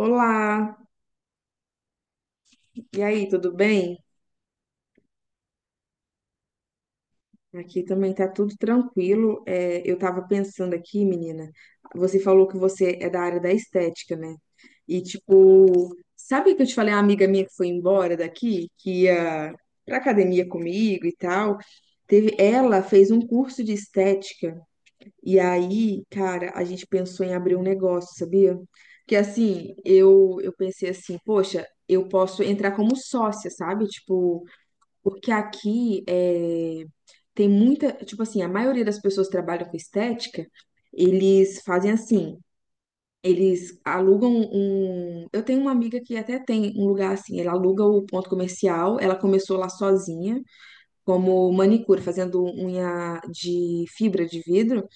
Olá, e aí, tudo bem? Aqui também tá tudo tranquilo. Eu tava pensando aqui, menina, você falou que você é da área da estética, né? E tipo, sabe que eu te falei, a amiga minha que foi embora daqui, que ia pra academia comigo e tal? Teve, ela fez um curso de estética, e aí, cara, a gente pensou em abrir um negócio, sabia? Que assim, eu pensei assim, poxa, eu posso entrar como sócia, sabe? Tipo. Porque aqui é, tem muita, tipo assim, a maioria das pessoas que trabalham com estética, eles fazem assim, eles alugam um. Eu tenho uma amiga que até tem um lugar assim, ela aluga o ponto comercial, ela começou lá sozinha, como manicure, fazendo unha de fibra de vidro.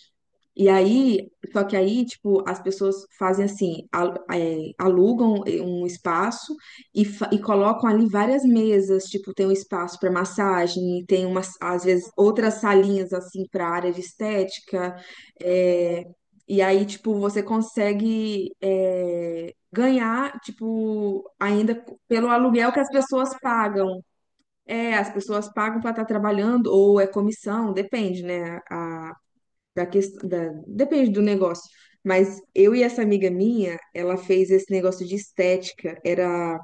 E aí, só que aí, tipo, as pessoas fazem assim, alugam um espaço e, e colocam ali várias mesas, tipo, tem um espaço para massagem, tem umas, às vezes, outras salinhas assim para área de estética. é, e aí, tipo, você consegue ganhar, tipo, ainda pelo aluguel que as pessoas pagam. É, as pessoas pagam para estar trabalhando, ou é comissão, depende, né? Da questão da, depende do negócio. Mas eu e essa amiga minha, ela fez esse negócio de estética. Era,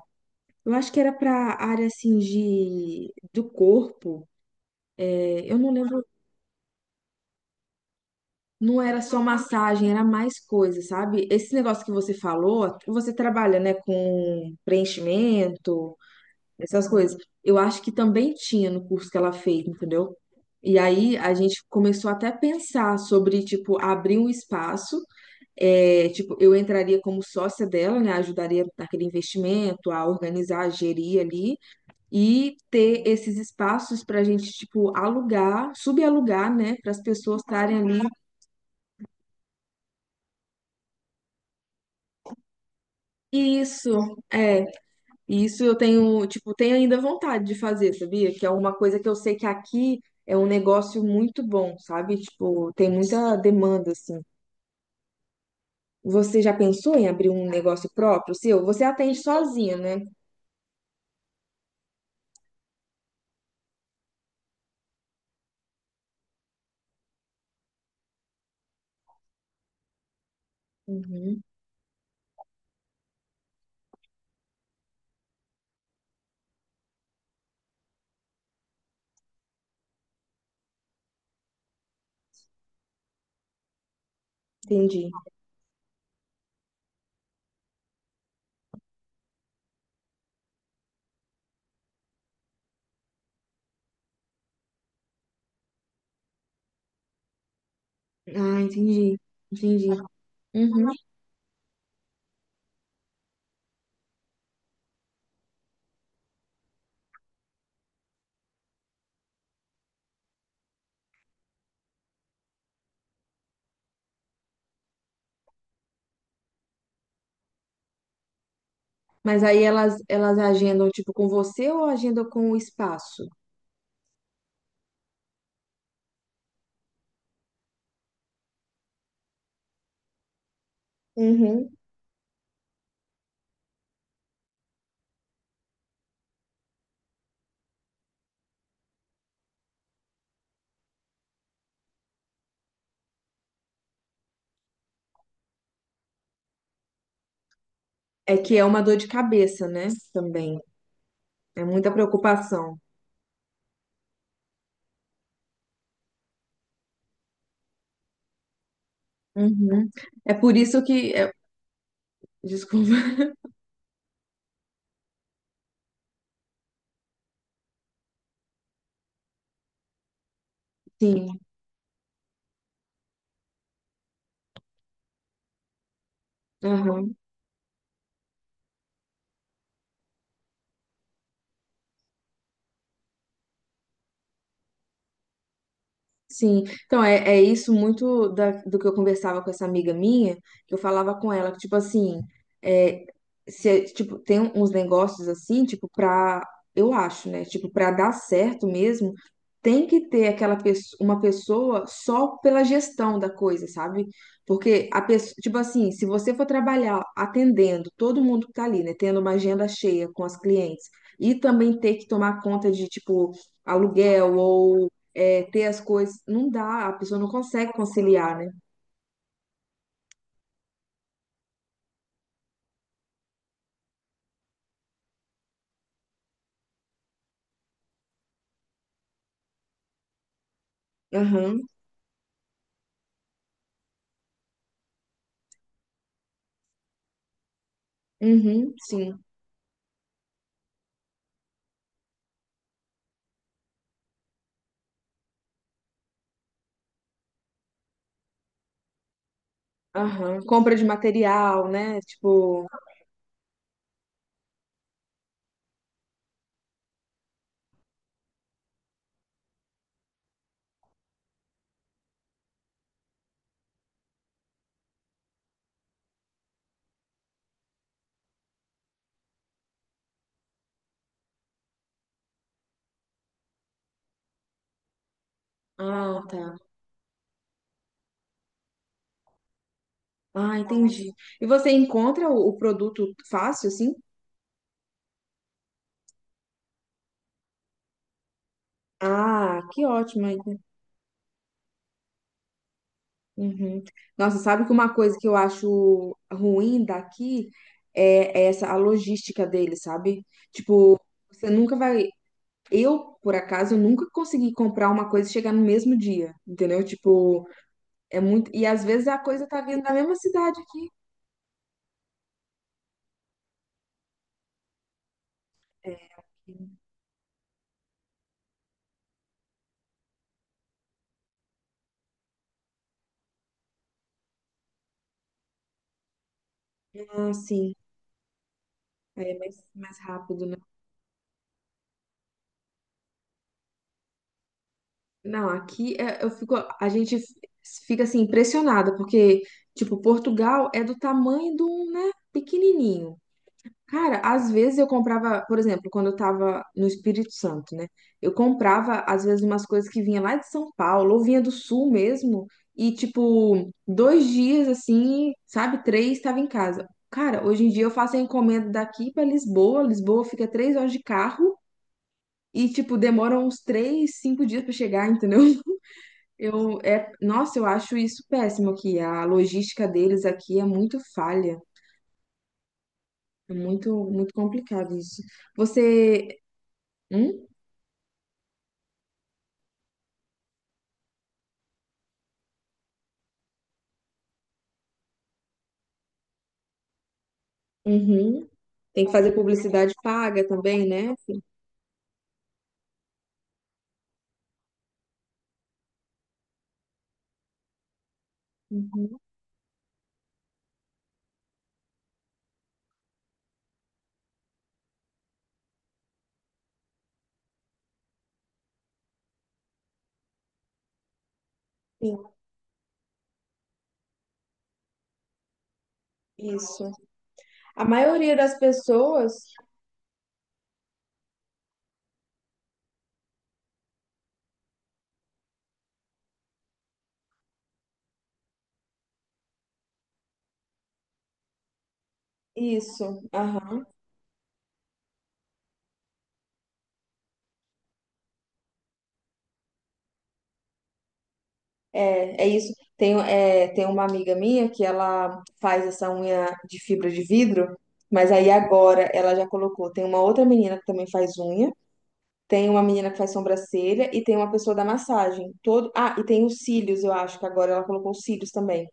eu acho que era pra área assim de do corpo. Eu não lembro, não era só massagem, era mais coisa, sabe? Esse negócio que você falou, você trabalha, né, com preenchimento, essas coisas. Eu acho que também tinha no curso que ela fez, entendeu? E aí a gente começou até a pensar sobre, tipo, abrir um espaço. É, tipo, eu entraria como sócia dela, né? Ajudaria naquele investimento, a organizar, a gerir ali e ter esses espaços para a gente, tipo, alugar, subalugar, né? Para as pessoas estarem ali. Isso, é. Isso eu tenho, tipo, tenho ainda vontade de fazer, sabia? Que é uma coisa que eu sei que aqui é um negócio muito bom, sabe? Tipo, tem muita demanda, assim. Você já pensou em abrir um negócio próprio seu? Você atende sozinha, né? Uhum, entendi. Ah, entendi, entendi. Uhum. Mas aí elas agendam, tipo, com você ou agendam com o espaço? Uhum. É que é uma dor de cabeça, né? Também. É muita preocupação. Uhum. É por isso que. Desculpa. Sim. Aham. Sim, então é, isso muito da, do que eu conversava com essa amiga minha, que eu falava com ela, que tipo assim, é, se, tipo, tem uns negócios assim, tipo, pra, eu acho, né, tipo, pra dar certo mesmo, tem que ter aquela uma pessoa só pela gestão da coisa, sabe? Porque a pessoa, tipo assim, se você for trabalhar atendendo todo mundo que tá ali, né, tendo uma agenda cheia com as clientes, e também ter que tomar conta de, tipo, aluguel ter as coisas. Não dá, a pessoa não consegue conciliar, né? Aham, uhum, sim. Aham. Compra de material, né? Tipo, ah, tá. Ah, entendi. E você encontra o produto fácil, assim? Ah, que ótimo. Aí, né? Uhum. Nossa, sabe que uma coisa que eu acho ruim daqui é é essa a logística dele, sabe? Tipo, você nunca vai. Eu, por acaso, eu nunca consegui comprar uma coisa e chegar no mesmo dia, entendeu? Tipo, é muito. E às vezes a coisa tá vindo da mesma cidade aqui. É, ah, sim. Aí é mais, mais rápido, né? Não, aqui é- eu fico, a gente fica assim impressionada, porque, tipo, Portugal é do tamanho de um, né, pequenininho. Cara, às vezes eu comprava, por exemplo, quando eu tava no Espírito Santo, né? Eu comprava, às vezes, umas coisas que vinha lá de São Paulo, ou vinha do Sul mesmo, e, tipo, 2 dias, assim, sabe? Três, estava em casa. Cara, hoje em dia eu faço a encomenda daqui pra Lisboa. Lisboa fica 3 horas de carro e, tipo, demora uns 3, 5 dias pra chegar, entendeu? Nossa, eu acho isso péssimo aqui. A logística deles aqui é muito falha. É muito, muito complicado isso. Você. Hum? Uhum. Tem que fazer publicidade paga também, né? Uhum. Sim, isso. A maioria das pessoas, isso. Aham. É isso. Tem uma amiga minha que ela faz essa unha de fibra de vidro, mas aí agora ela já colocou. Tem uma outra menina que também faz unha, tem uma menina que faz sobrancelha e tem uma pessoa da massagem. Ah, e tem os cílios, eu acho que agora ela colocou os cílios também.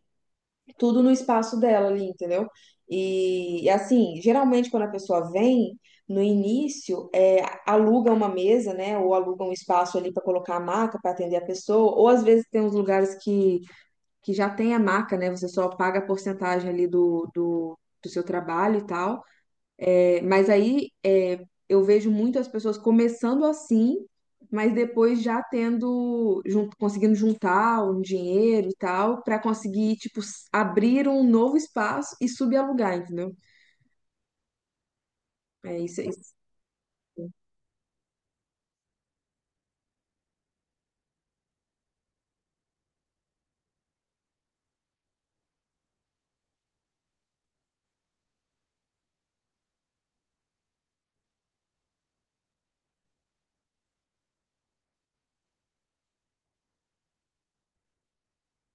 Tudo no espaço dela ali, entendeu? E, assim, geralmente quando a pessoa vem, no início, é, aluga uma mesa, né? Ou aluga um espaço ali para colocar a maca para atender a pessoa, ou às vezes tem uns lugares que já tem a maca, né? Você só paga a porcentagem ali do, do seu trabalho e tal. Mas aí é, eu vejo muito as pessoas começando assim, mas depois já tendo, conseguindo juntar um dinheiro e tal, para conseguir, tipo, abrir um novo espaço e subalugar, entendeu? É isso, é isso.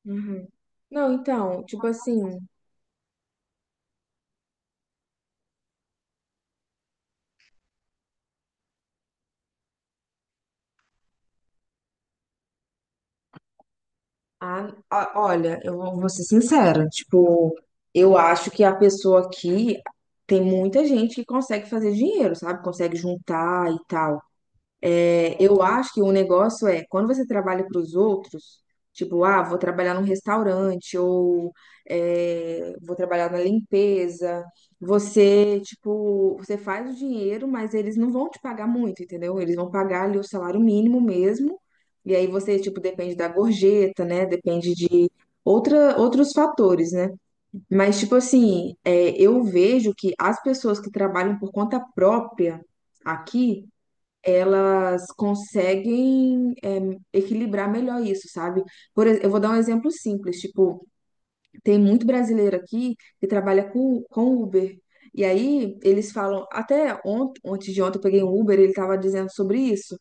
Uhum. Não, então, tipo assim, olha, eu vou ser sincera, tipo, eu acho que a pessoa aqui tem muita gente que consegue fazer dinheiro, sabe? Consegue juntar e tal. Eu acho que o negócio é quando você trabalha para os outros, tipo, ah, vou trabalhar num restaurante ou é, vou trabalhar na limpeza. Você, tipo, você faz o dinheiro, mas eles não vão te pagar muito, entendeu? Eles vão pagar ali o salário mínimo mesmo. E aí você, tipo, depende da gorjeta, né? Depende de outra, outros fatores, né? Mas, tipo assim, é, eu vejo que as pessoas que trabalham por conta própria aqui elas conseguem equilibrar melhor isso, sabe? Eu vou dar um exemplo simples, tipo, tem muito brasileiro aqui que trabalha com, Uber. E aí eles falam, até ontem, antes de ontem eu peguei um Uber, ele tava dizendo sobre isso.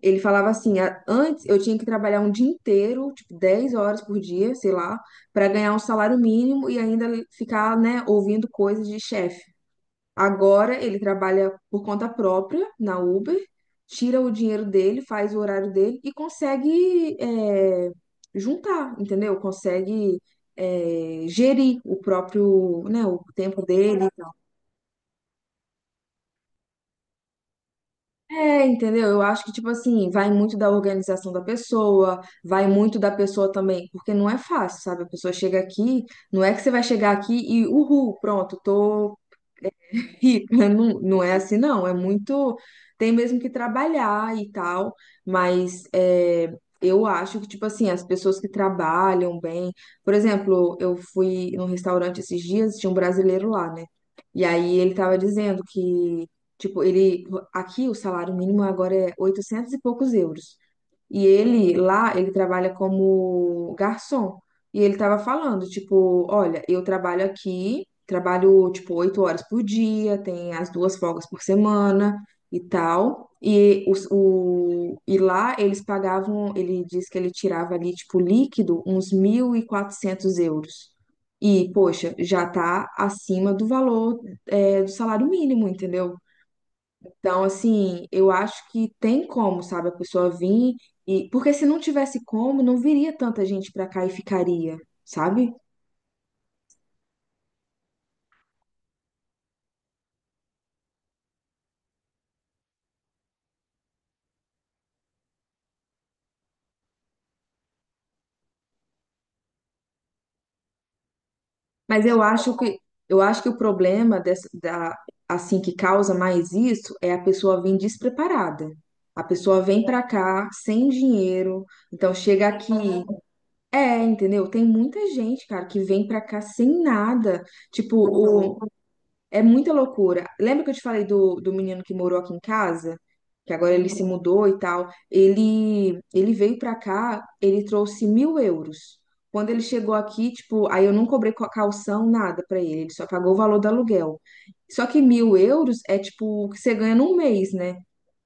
Ele falava assim, antes eu tinha que trabalhar um dia inteiro, tipo 10 horas por dia, sei lá, para ganhar um salário mínimo e ainda ficar, né, ouvindo coisas de chefe. Agora ele trabalha por conta própria na Uber, tira o dinheiro dele, faz o horário dele e consegue juntar, entendeu? Consegue gerir o próprio, né, o tempo dele. É, entendeu? Eu acho que, tipo assim, vai muito da organização da pessoa, vai muito da pessoa também, porque não é fácil, sabe? A pessoa chega aqui, não é que você vai chegar aqui e, uhul, pronto, tô rica, não, não é assim, não. É muito. Tem mesmo que trabalhar e tal, mas é, eu acho que, tipo assim, as pessoas que trabalham bem. Por exemplo, eu fui num restaurante esses dias, tinha um brasileiro lá, né? E aí ele tava dizendo que, tipo, ele. Aqui o salário mínimo agora é 800 e poucos euros. E ele lá, ele trabalha como garçom. E ele tava falando, tipo, olha, eu trabalho aqui, trabalho tipo 8 horas por dia, tem as 2 folgas por semana e tal. E, os, o, e lá eles pagavam, ele disse que ele tirava ali, tipo, líquido, uns 1.400 euros. E, poxa, já tá acima do valor, é, do salário mínimo, entendeu? Então, assim, eu acho que tem como, sabe, a pessoa vir e porque se não tivesse como, não viria tanta gente pra cá e ficaria, sabe? Mas eu acho que o problema dessa, da assim que causa mais isso é a pessoa vir despreparada. A pessoa vem pra cá sem dinheiro, então chega aqui, entendeu? Tem muita gente, cara, que vem pra cá sem nada. Tipo, é muita loucura. Lembra que eu te falei do, menino que morou aqui em casa? Que agora ele se mudou e tal. Ele veio pra cá, ele trouxe 1.000 euros. Quando ele chegou aqui, tipo, aí eu não cobrei calção, nada pra ele. Ele só pagou o valor do aluguel. Só que 1.000 euros é tipo o que você ganha num mês, né?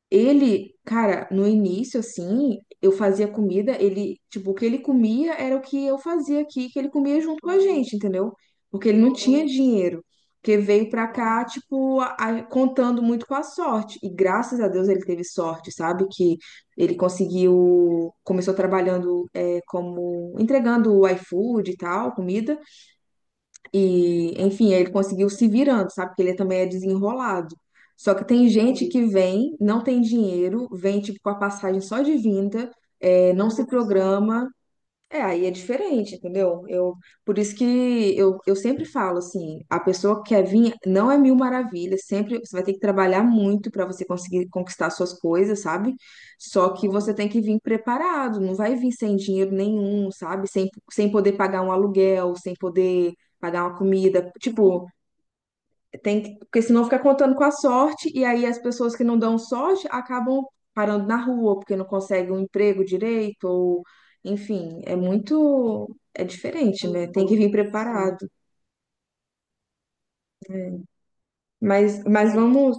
Ele, cara, no início, assim, eu fazia comida, ele, tipo, o que ele comia era o que eu fazia aqui, que ele comia junto com a gente, entendeu? Porque ele não tinha dinheiro. Porque veio pra cá, tipo, contando muito com a sorte. E graças a Deus ele teve sorte, sabe? Que ele conseguiu, começou trabalhando, é, como, entregando o iFood e tal, comida. E, enfim, ele conseguiu se virando, sabe? Porque ele também é desenrolado. Só que tem gente que vem, não tem dinheiro, vem tipo com a passagem só de vinda, não se programa aí é diferente, entendeu? Eu, por isso que eu sempre falo assim, a pessoa que quer vir não é mil maravilhas, sempre você vai ter que trabalhar muito para você conseguir conquistar suas coisas, sabe? Só que você tem que vir preparado, não vai vir sem dinheiro nenhum, sabe? Sem poder pagar um aluguel, sem poder pagar uma comida. Tipo, tem que, porque senão fica contando com a sorte, e aí as pessoas que não dão sorte acabam parando na rua, porque não conseguem um emprego direito, ou enfim, é muito, é diferente, né? Tem que vir preparado. Mas, mas vamos,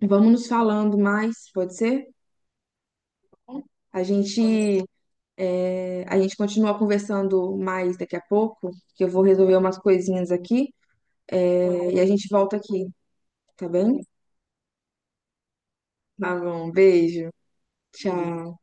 vamos nos falando mais, pode ser? A gente, é, a gente continua conversando mais daqui a pouco, que eu vou resolver umas coisinhas aqui, é, e a gente volta aqui, tá bem? Tá bom, beijo, tchau.